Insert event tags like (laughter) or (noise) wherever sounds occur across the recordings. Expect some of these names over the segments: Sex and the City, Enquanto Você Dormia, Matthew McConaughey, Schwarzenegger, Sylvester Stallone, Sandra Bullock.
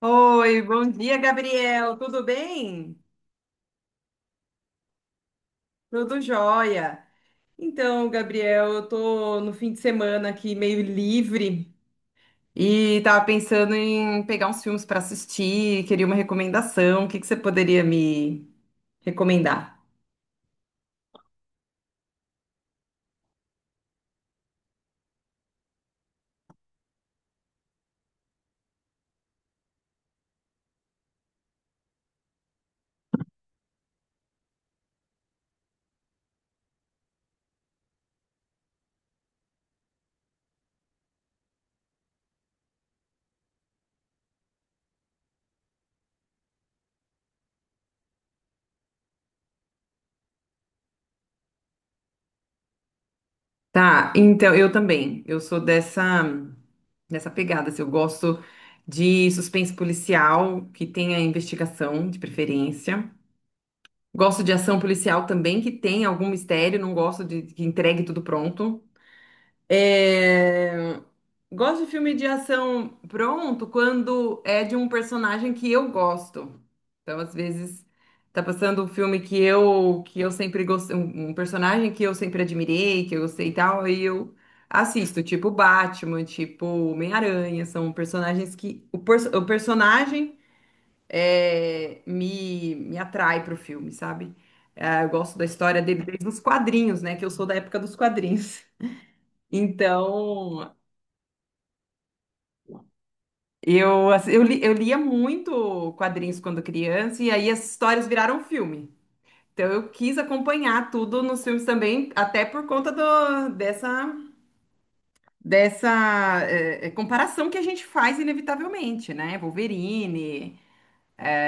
Oi, bom dia, Gabriel. Tudo bem? Tudo jóia. Então, Gabriel, eu tô no fim de semana aqui meio livre e tava pensando em pegar uns filmes para assistir, queria uma recomendação. O que que você poderia me recomendar? Tá, então eu também. Eu sou dessa pegada, assim, eu gosto de suspense policial que tenha investigação, de preferência. Gosto de ação policial também, que tem algum mistério, não gosto de que entregue tudo pronto. É, Gosto de filme de ação pronto quando é de um personagem que eu gosto. Então, às vezes, tá passando um filme que eu sempre gostei, um personagem que eu sempre admirei, que eu gostei e tal, aí eu assisto, tipo Batman, tipo Homem-Aranha, são personagens que o personagem me atrai pro filme, sabe? É, eu gosto da história dele desde os quadrinhos, né? Que eu sou da época dos quadrinhos. (laughs) Então, eu, assim, eu lia muito quadrinhos quando criança, e aí as histórias viraram filme. Então, eu quis acompanhar tudo nos filmes também, até por conta dessa, dessa comparação que a gente faz inevitavelmente, né? Wolverine.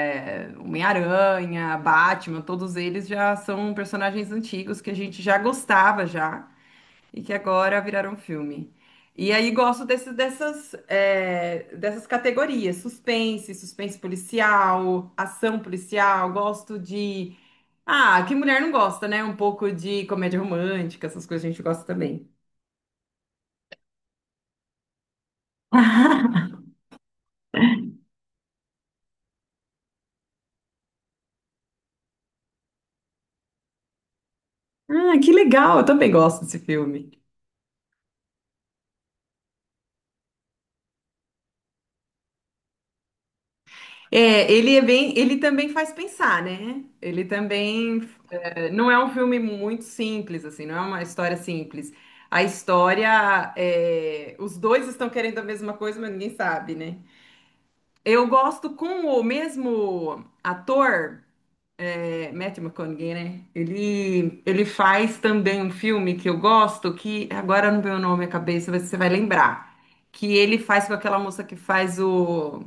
Homem-Aranha, Batman, todos eles já são personagens antigos que a gente já gostava já e que agora viraram filme. E aí gosto dessas, dessas categorias, suspense, suspense policial, ação policial, gosto de... Ah, que mulher não gosta, né? Um pouco de comédia romântica, essas coisas a gente gosta também. (laughs) Ah, que legal, eu também gosto desse filme. É, ele é bem, ele também faz pensar, né? Ele também não é um filme muito simples, assim, não é uma história simples. A história, os dois estão querendo a mesma coisa, mas ninguém sabe, né? Eu gosto com o mesmo ator, é, Matthew McConaughey, né? Ele faz também um filme que eu gosto, que agora não vem o nome à cabeça, mas você vai lembrar. Que ele faz com aquela moça que faz o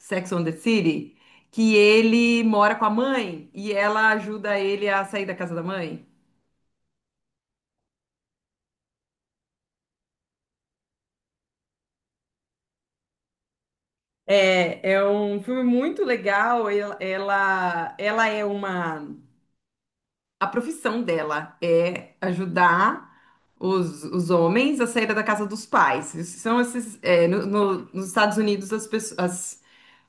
Sex and the City, que ele mora com a mãe e ela ajuda ele a sair da casa da mãe. É, é um filme muito legal. Ela é uma. A profissão dela é ajudar os homens a sair da casa dos pais. Isso São esses, nos Estados Unidos, as pessoas,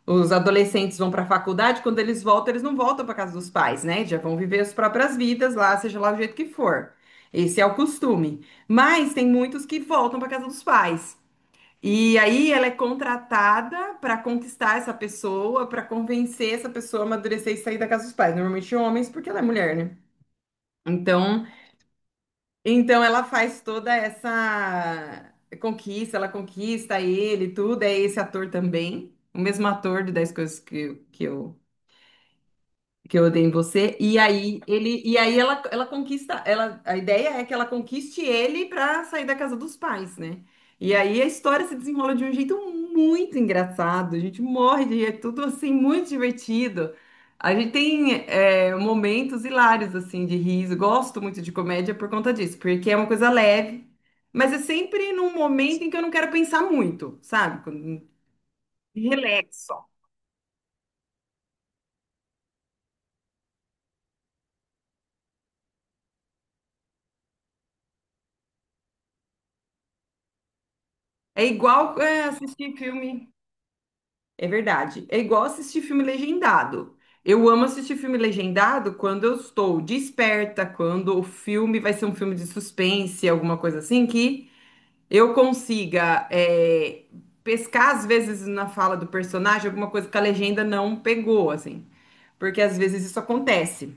os adolescentes vão para a faculdade, quando eles voltam, eles não voltam para casa dos pais, né? Já vão viver as próprias vidas lá, seja lá o jeito que for. Esse é o costume. Mas tem muitos que voltam para casa dos pais. E aí ela é contratada para conquistar essa pessoa, para convencer essa pessoa a amadurecer e sair da casa dos pais. Normalmente homens, porque ela é mulher, né? Então, então ela faz toda essa conquista, ela conquista ele, tudo. É esse ator também, o mesmo ator de 10 coisas que eu odeio em você. E aí ele, e aí ela conquista, ela, a ideia é que ela conquiste ele para sair da casa dos pais, né? E aí a história se desenrola de um jeito muito engraçado. A gente morre de rir, é tudo assim muito divertido. A gente tem momentos hilários assim de riso. Gosto muito de comédia por conta disso, porque é uma coisa leve, mas é sempre num momento em que eu não quero pensar muito, sabe? Quando relaxo. É igual assistir filme. É verdade. É igual assistir filme legendado. Eu amo assistir filme legendado quando eu estou desperta, quando o filme vai ser um filme de suspense, alguma coisa assim, que eu consiga pescar, às vezes, na fala do personagem, alguma coisa que a legenda não pegou, assim. Porque às vezes isso acontece.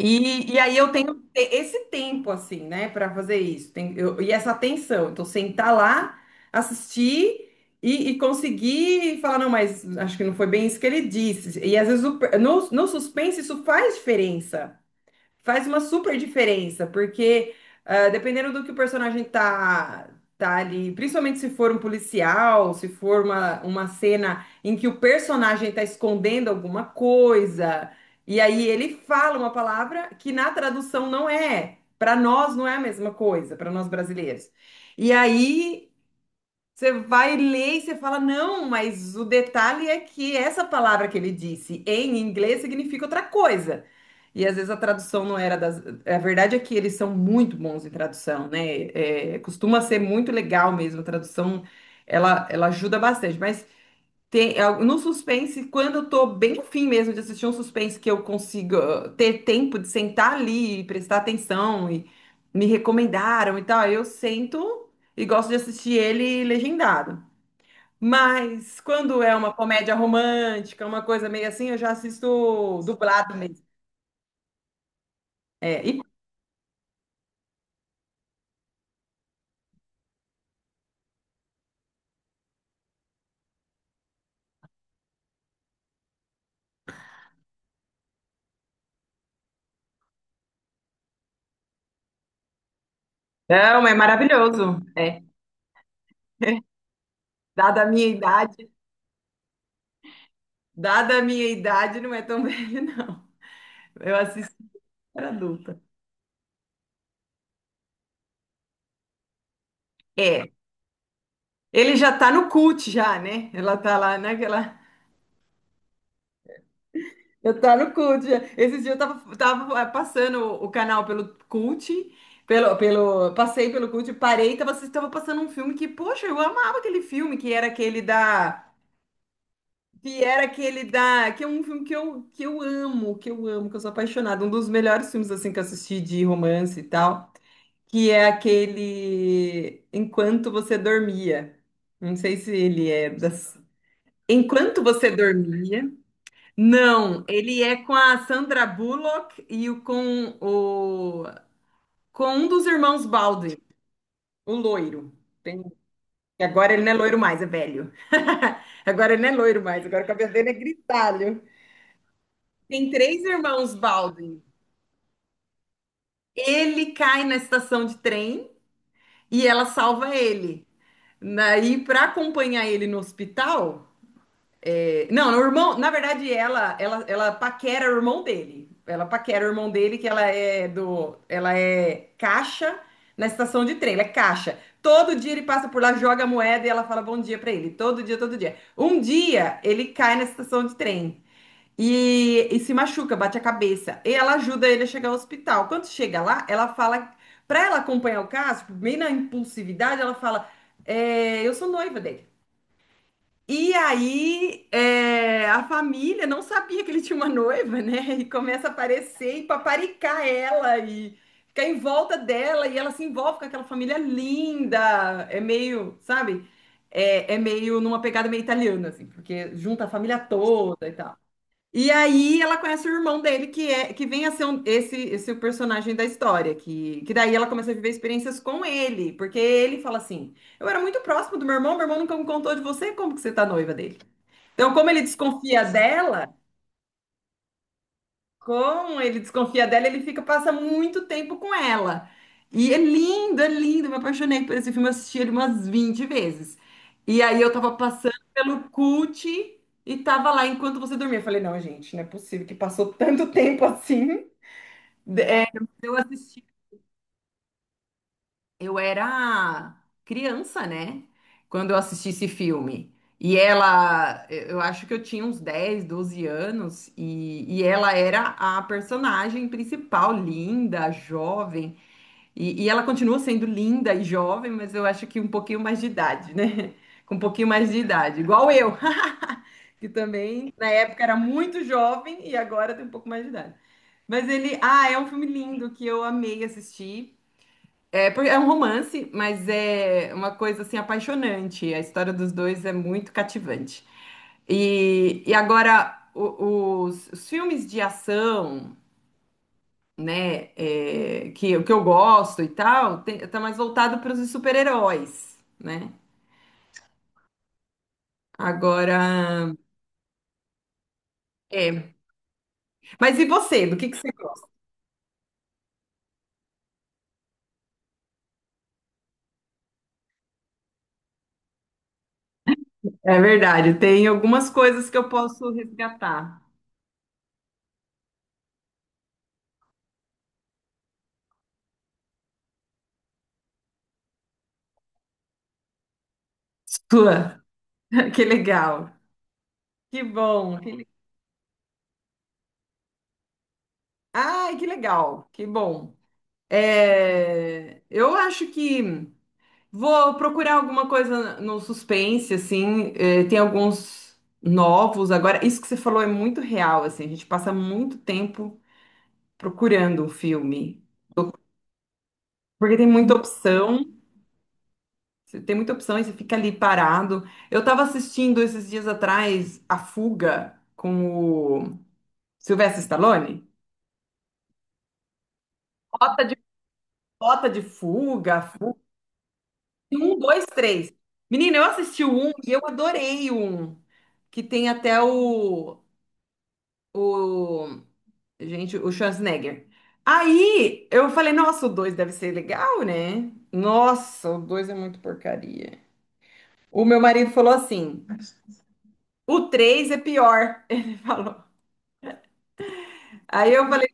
E aí esse tempo, assim, né, para fazer isso. E essa atenção. Então, sentar lá, assistir e conseguir falar, não, mas acho que não foi bem isso que ele disse. E às vezes no suspense isso faz diferença, faz uma super diferença, porque ah, dependendo do que tá ali, principalmente se for um policial, se for uma cena em que o personagem tá escondendo alguma coisa, e aí ele fala uma palavra que na tradução não é. Para nós não é a mesma coisa, para nós brasileiros. E aí você vai ler e você fala, não, mas o detalhe é que essa palavra que ele disse em inglês significa outra coisa. E às vezes a tradução não era das. A verdade é que eles são muito bons em tradução, né? É, costuma ser muito legal mesmo. A tradução ela ajuda bastante. Mas tem, é, no suspense, quando eu tô bem afim mesmo de assistir um suspense que eu consiga ter tempo de sentar ali e prestar atenção e me recomendaram e tal, aí eu sento e gosto de assistir ele legendado. Mas quando é uma comédia romântica, uma coisa meio assim, eu já assisto dublado mesmo. É, e- não, é maravilhoso. Dada a minha idade, Dada a minha idade, não é tão (laughs) velho, não. Eu assisto para adulta. É, ele já tá no cult já, né? Ela tá lá naquela. Eu (laughs) tá no cult. Já. Esses dias tava passando o canal pelo cult, passei pelo cult, parei, tava, tava passando um filme que, poxa, eu amava aquele filme, que era aquele da. Que era aquele da. Que é um filme que eu amo, que eu amo, que eu sou apaixonada. Um dos melhores filmes assim que eu assisti de romance e tal. Que é aquele Enquanto Você Dormia. Não sei se ele é das. Enquanto Você Dormia. Não, ele é com a Sandra Bullock com o com um dos irmãos Balde, o loiro. Tem- que agora ele não é loiro mais, é velho. (laughs) Agora ele não é loiro mais, agora o cabelo dele é grisalho. Tem três irmãos Balde. Ele cai na estação de trem e ela salva ele. Daí, para acompanhar ele no hospital, não, o irmão, na verdade, ela paquera o irmão dele. Ela paquera o irmão dele, que ela é do, ela é caixa na estação de trem, ela é caixa. Todo dia ele passa por lá, joga a moeda e ela fala bom dia pra ele, todo dia, todo dia. Um dia ele cai na estação de trem e se machuca, bate a cabeça. E ela ajuda ele a chegar ao hospital. Quando chega lá, ela fala, pra ela acompanhar o caso, tipo, meio na impulsividade, ela fala, é, eu sou noiva dele. E aí, é, a família não sabia que ele tinha uma noiva, né? (laughs) E começa a aparecer e paparicar ela e ficar em volta dela e ela se envolve com aquela família linda. É meio, sabe? É, é meio numa pegada meio italiana, assim, porque junta a família toda e tal. E aí ela conhece o irmão dele, que é que vem a ser esse, esse o personagem da história, que daí ela começa a viver experiências com ele, porque ele fala assim: eu era muito próximo do meu irmão nunca me contou de você, como que você tá noiva dele? Então, como ele desconfia dela, ele fica, passa muito tempo com ela. E é lindo, é lindo. Eu me apaixonei por esse filme, eu assisti ele umas 20 vezes. E aí eu tava passando pelo cult e tava lá enquanto você dormia. Eu falei, não, gente, não é possível que passou tanto (laughs) tempo assim. É, eu assisti. Eu era criança, né? Quando eu assisti esse filme. E ela, eu acho que eu tinha uns 10, 12 anos, e ela era a personagem principal, linda, jovem. E ela continua sendo linda e jovem, mas eu acho que um pouquinho mais de idade, né? (laughs) Com um pouquinho mais de idade, igual eu, (laughs) que também na época era muito jovem e agora tem um pouco mais de idade. Mas ele, ah, é um filme lindo que eu amei assistir. É, é um romance, mas é uma coisa assim apaixonante. A história dos dois é muito cativante. E agora os filmes de ação, né, que eu gosto e tal, tem, tá mais voltado para os super-heróis, né? Agora, é. Mas e você? Do que você gosta? É verdade, tem algumas coisas que eu posso resgatar. Sua. (laughs) Que legal. Que bom. Ai, que legal. Que bom. É, eu acho que vou procurar alguma coisa no suspense, assim. É, tem alguns novos. Agora, isso que você falou é muito real, assim. A gente passa muito tempo procurando um filme, porque tem muita opção. Você tem muita opção e você fica ali parado. Eu tava assistindo esses dias atrás A Fuga com o Sylvester Stallone. Rota de, rota de fuga, fuga. Tem um, dois, três. Menina, eu assisti o um e eu adorei o um. Que tem até o, gente, o Schwarzenegger. Aí eu falei, nossa, o 2 deve ser legal, né? Nossa, o 2 é muito porcaria. O meu marido falou assim: o 3 é pior. (laughs) Ele falou. Aí eu falei,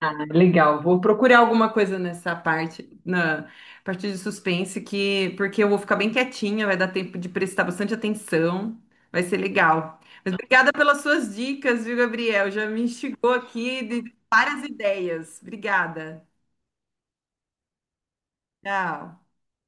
ah, legal. Vou procurar alguma coisa nessa parte, na parte de suspense, que porque eu vou ficar bem quietinha, vai dar tempo de prestar bastante atenção, vai ser legal. Mas obrigada pelas suas dicas, viu, Gabriel? Já me instigou aqui de várias ideias. Obrigada. Tchau.